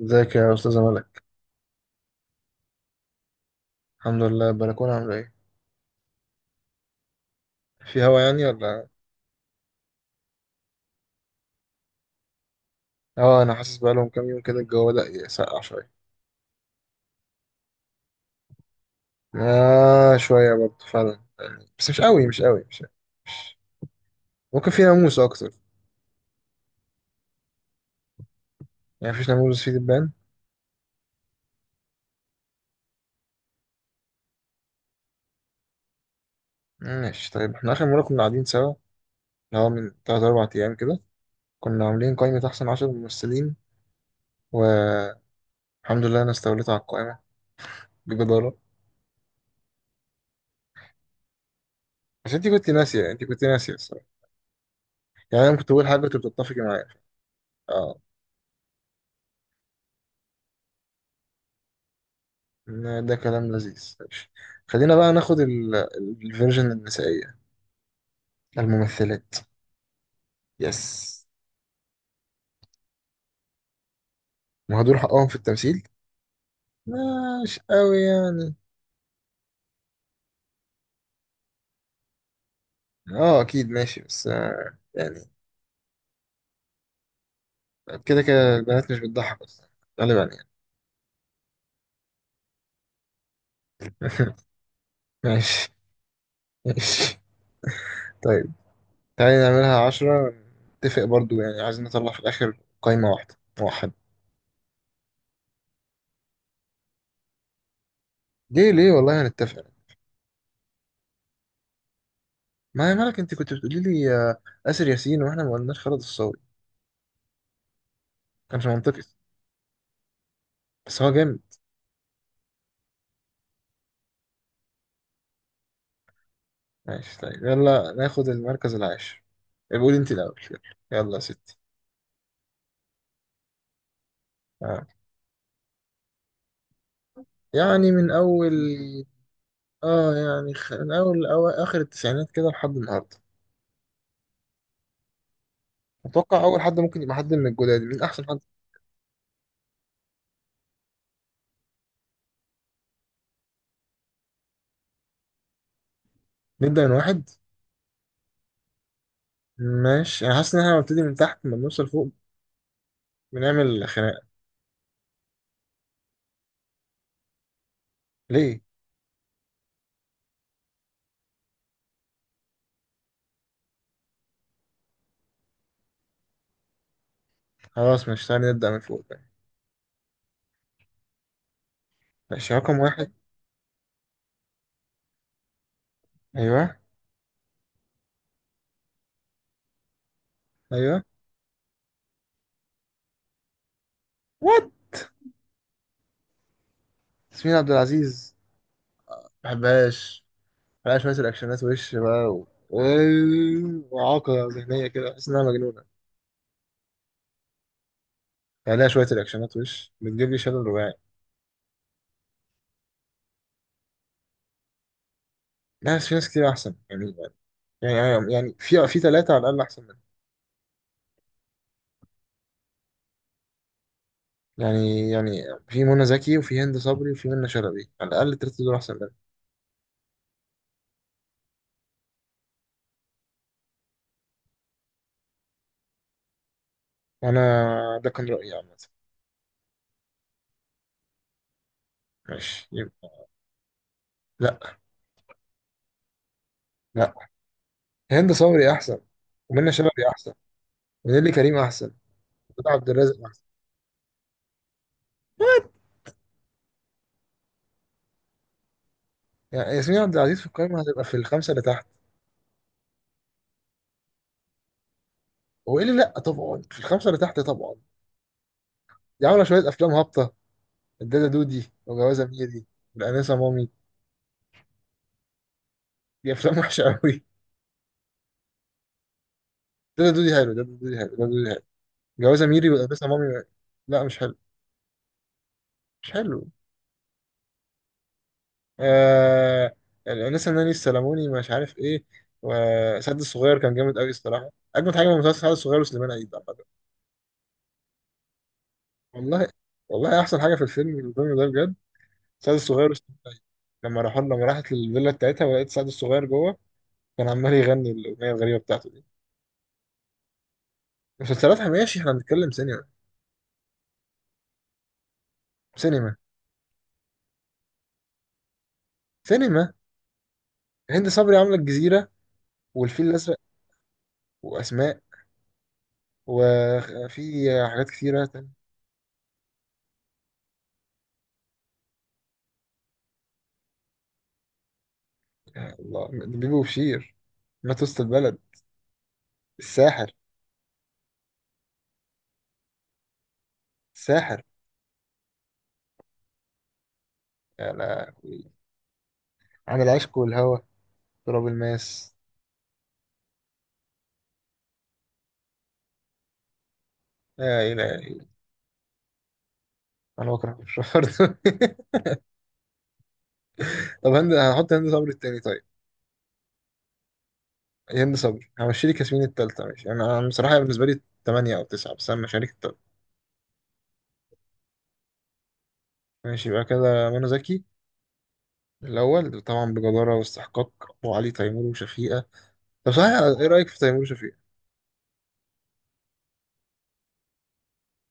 ازيك يا استاذه ملك. الحمد لله. البلكونه عامله ايه؟ في هوا يعني ولا؟ اه، انا حاسس بقى لهم كام يوم كده الجو بدأ يسقع شويه. اه شويه برضه فعلا يعني، بس مش قوي مش قوي مش قوي. ممكن في ناموس اكتر. يعني مفيش ناموس في دبان؟ ماشي طيب، احنا اخر مره كنا قاعدين سوا، اللي هو من 3 4 ايام كده، كنا عاملين قائمه احسن 10 ممثلين، والحمد لله انا استوليت على القائمه بجداره. بس انت كنت ناسيه انت كنت ناسيه الصراحه، يعني انا كنت بقول حاجه كنت بتتفقي معايا. آه. ده كلام لذيذ ماشي. خلينا بقى ناخد الفيرجن النسائية، الممثلات. يس. وهدول حقهم في التمثيل. مش قوي يعني. اه اكيد ماشي بس يعني كده كده البنات مش بتضحك اصلا غالبا يعني. ماشي ماشي. طيب تعالي نعملها عشرة، نتفق برضو يعني، عايزين نطلع في الآخر قايمة واحدة موحدة. ليه ليه والله هنتفق. ما هي مالك، انت كنت بتقولي لي آسر ياسين واحنا ما قلناش خالد الصاوي، كانش منطقي. بس هو جامد. ماشي طيب، يلا ناخد المركز العاشر. قول انت الاول يلا، يلا يا ستي. آه. يعني من اول، اه يعني من اول أو اخر التسعينات كده لحد النهارده. اتوقع اول حد ممكن يبقى حد من الجداد، مين احسن حد؟ نبدا من واحد. ماشي، انا حاسس ان احنا بنبتدي من تحت لما بنوصل فوق بنعمل خناقه. ليه؟ خلاص مش، تعالى نبدا من فوق بقى. ماشي رقم واحد. ايوه ايوه. وات؟ ياسمين عبد العزيز؟ ما بحبهاش بقى. شوية الأكشنات وش بقى و... و- وإعاقة ذهنية كده بحس إنها مجنونة. يعني لها شوية الأكشنات وش بتجيب لي شلل رباعي. ناس في ناس كتير أحسن يعني في ثلاثة على الأقل أحسن منها. يعني في منى زكي وفي هند صبري وفي منى شلبي، على الأقل التلاتة دول أحسن منها. وأنا ده كان رأيي عامة. ماشي يبقى. لأ، لأ. هند صبري أحسن، ومنى شلبي أحسن، ونيلي كريم أحسن، وده عبد الرازق أحسن. يعني ياسمين عبد العزيز في القائمة هتبقى في الخمسة اللي تحت. وإيه اللي لأ طبعا، في الخمسة اللي تحت طبعا. دي عامله شويه افلام هابطه، الدادا دودي وجوازه ميري والانسه مامي. دي افلام وحشه قوي. دادا دودي حلو دادا دودي حلو دادا دودي حلو. جوازه ميري والانسه مامي، لا مش حلو مش حلو. آه... الانسه ناني السلموني مش عارف ايه. وسعد الصغير كان جامد قوي الصراحه، اجمد حاجه في مسلسل سعد الصغير وسليمان عيد عامه. والله والله احسن حاجه في الفيلم ده بجد، سعد الصغير وسليمان عيد. لما راحت للفيلا بتاعتها ولقيت سعد الصغير جوه كان عمال يغني الاغنيه الغريبه بتاعته دي. مسلسلات ماشي، احنا بنتكلم سينما. سينما سينما. هند صبري عامله الجزيره والفيل الازرق واسماء، وفي حاجات كتيره تانية. يا الله، بيبي وبشير، ما توسط البلد، الساحر، الساحر. يا لهوي. عن العشق والهوى، تراب الماس. لا إلهي. أنا بكره الشهر ده. طب هحط هند صبري التاني طيب. هند صبري همشي لك ياسمين التالتة ماشي. أنا بصراحة بالنسبة لي تمانية أو تسعة، بس أنا مشاريك التالتة. ماشي يبقى كده منى زكي الأول طبعا بجدارة واستحقاق، وعلي تيمور وشفيقة. طب صحيح، ايه رأيك في تيمور شفيق؟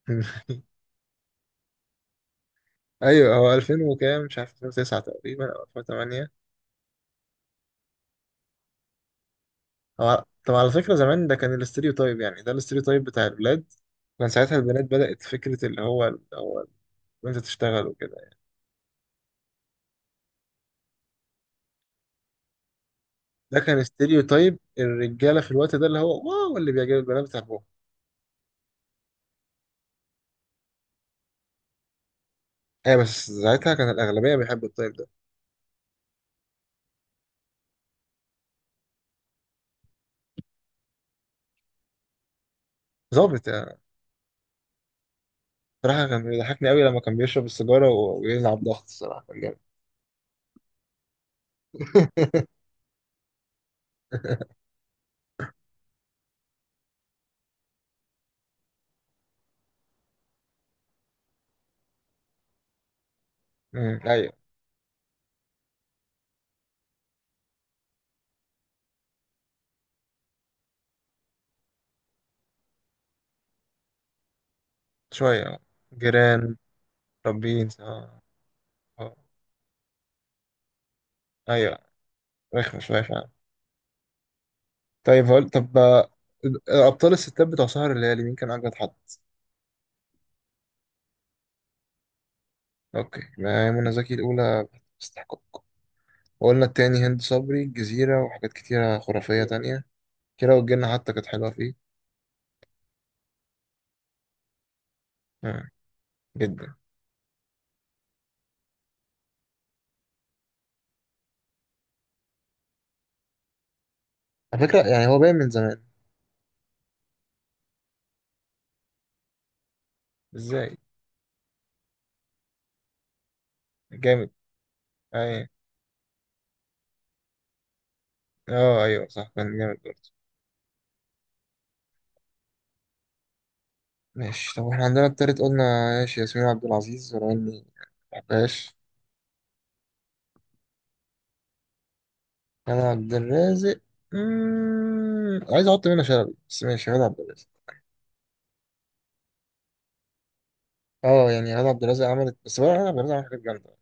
ايوه هو 2000 وكام، مش عارف، 2009 تقريبا او 2008. هو طب على فكرة زمان ده كان الاستيريو تايب، يعني ده الاستيريو تايب بتاع الولاد. كان ساعتها البنات بدأت فكرة اللي هو انت تشتغل وكده يعني. ده كان استيريو تايب الرجالة في الوقت ده، اللي هو واو اللي بيعجب البنات بتحبهم. ايه بس ساعتها كان الأغلبية بيحبوا التايب ده، ظابط يعني. صراحة كان بيضحكني قوي لما كان بيشرب السيجارة ويلعب ضغط، الصراحة كان جامد. ايوه. شوية آه. جيران. طب بينز اه. آه. ايوه رخمة شوية فعلا. طيب هقول طب، ابطال الستات بتوع سهر الليالي مين كان اجمد حد؟ اوكي ما هي منى زكي الاولى، استحقاق. وقلنا التاني هند صبري، الجزيرة وحاجات كتيرة خرافية تانية، كيرة والجن حتى كانت حلوة فيه. آه. جدا. على فكرة يعني هو باين من زمان. ازاي؟ جامد. ايوه. اه ايوه صح كان جامد برضه. ماشي، طب احنا عندنا التالت قلنا، ماشي ياسمين عبد العزيز ولو اني مبحبهاش. انا عبد الرازق. عايز احط منى شلبي بس ماشي غادة عبد الرازق. اه يعني غادة عبد الرازق عملت، بس بقى غادة عبد الرازق عملت حاجات جامدة،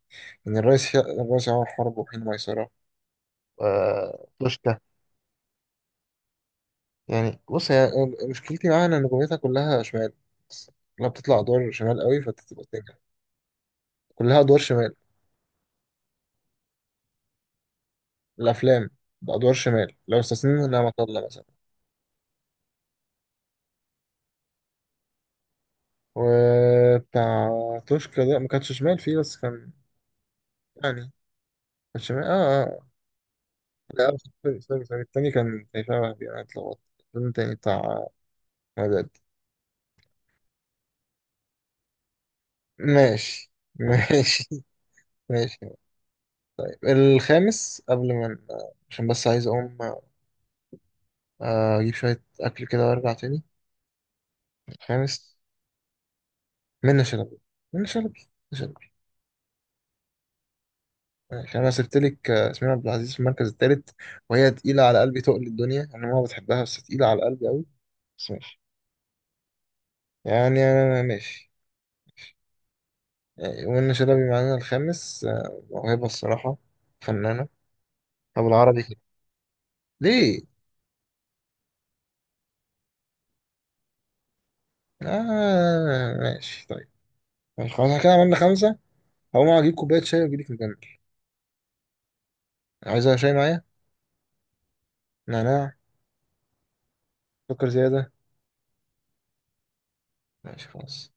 يعني الرئيس الرئيس عمر حرب وحين ميسرة، توشكا. يعني بص هي، مشكلتي معاها ان نجوميتها كلها شمال، لما بتطلع ادوار شمال قوي فبتبقى بتنجح. كلها ادوار شمال، الافلام بادوار شمال، لو استثنينا نعمة الله مثلا وبتاع توشكا ده ما كانش شمال فيه بس كان يعني، كان شمال اه. آه. لا، سوري سوري سوري، التاني كان شبه وهبي، انا اتلخبطت. الفيلم التاني بتاع مدد. ماشي. ماشي. ماشي طيب، الخامس، قبل ما عشان بس عايز اقوم اجيب شوية اكل كده وارجع تاني. الخامس منة شلبي منة شلبي منة شلبي. ماشي انا سبت لك ياسمين عبد العزيز في المركز التالت، وهي تقيلة على قلبي تقل الدنيا، انا ما بتحبها، بس تقيلة على قلبي قوي، بس ماشي. يعني انا ماشي. يعني منة شلبي معانا الخامس، موهبة الصراحة، فنانة. طب العربي كده. ليه؟ آه ماشي طيب. ماشي خلاص احنا كده عملنا خمسة. هقوم أجيب كوباية شاي وأجيلك نكمل. عايزة شاي معايا؟ نعناع. سكر زيادة. ماشي خلاص.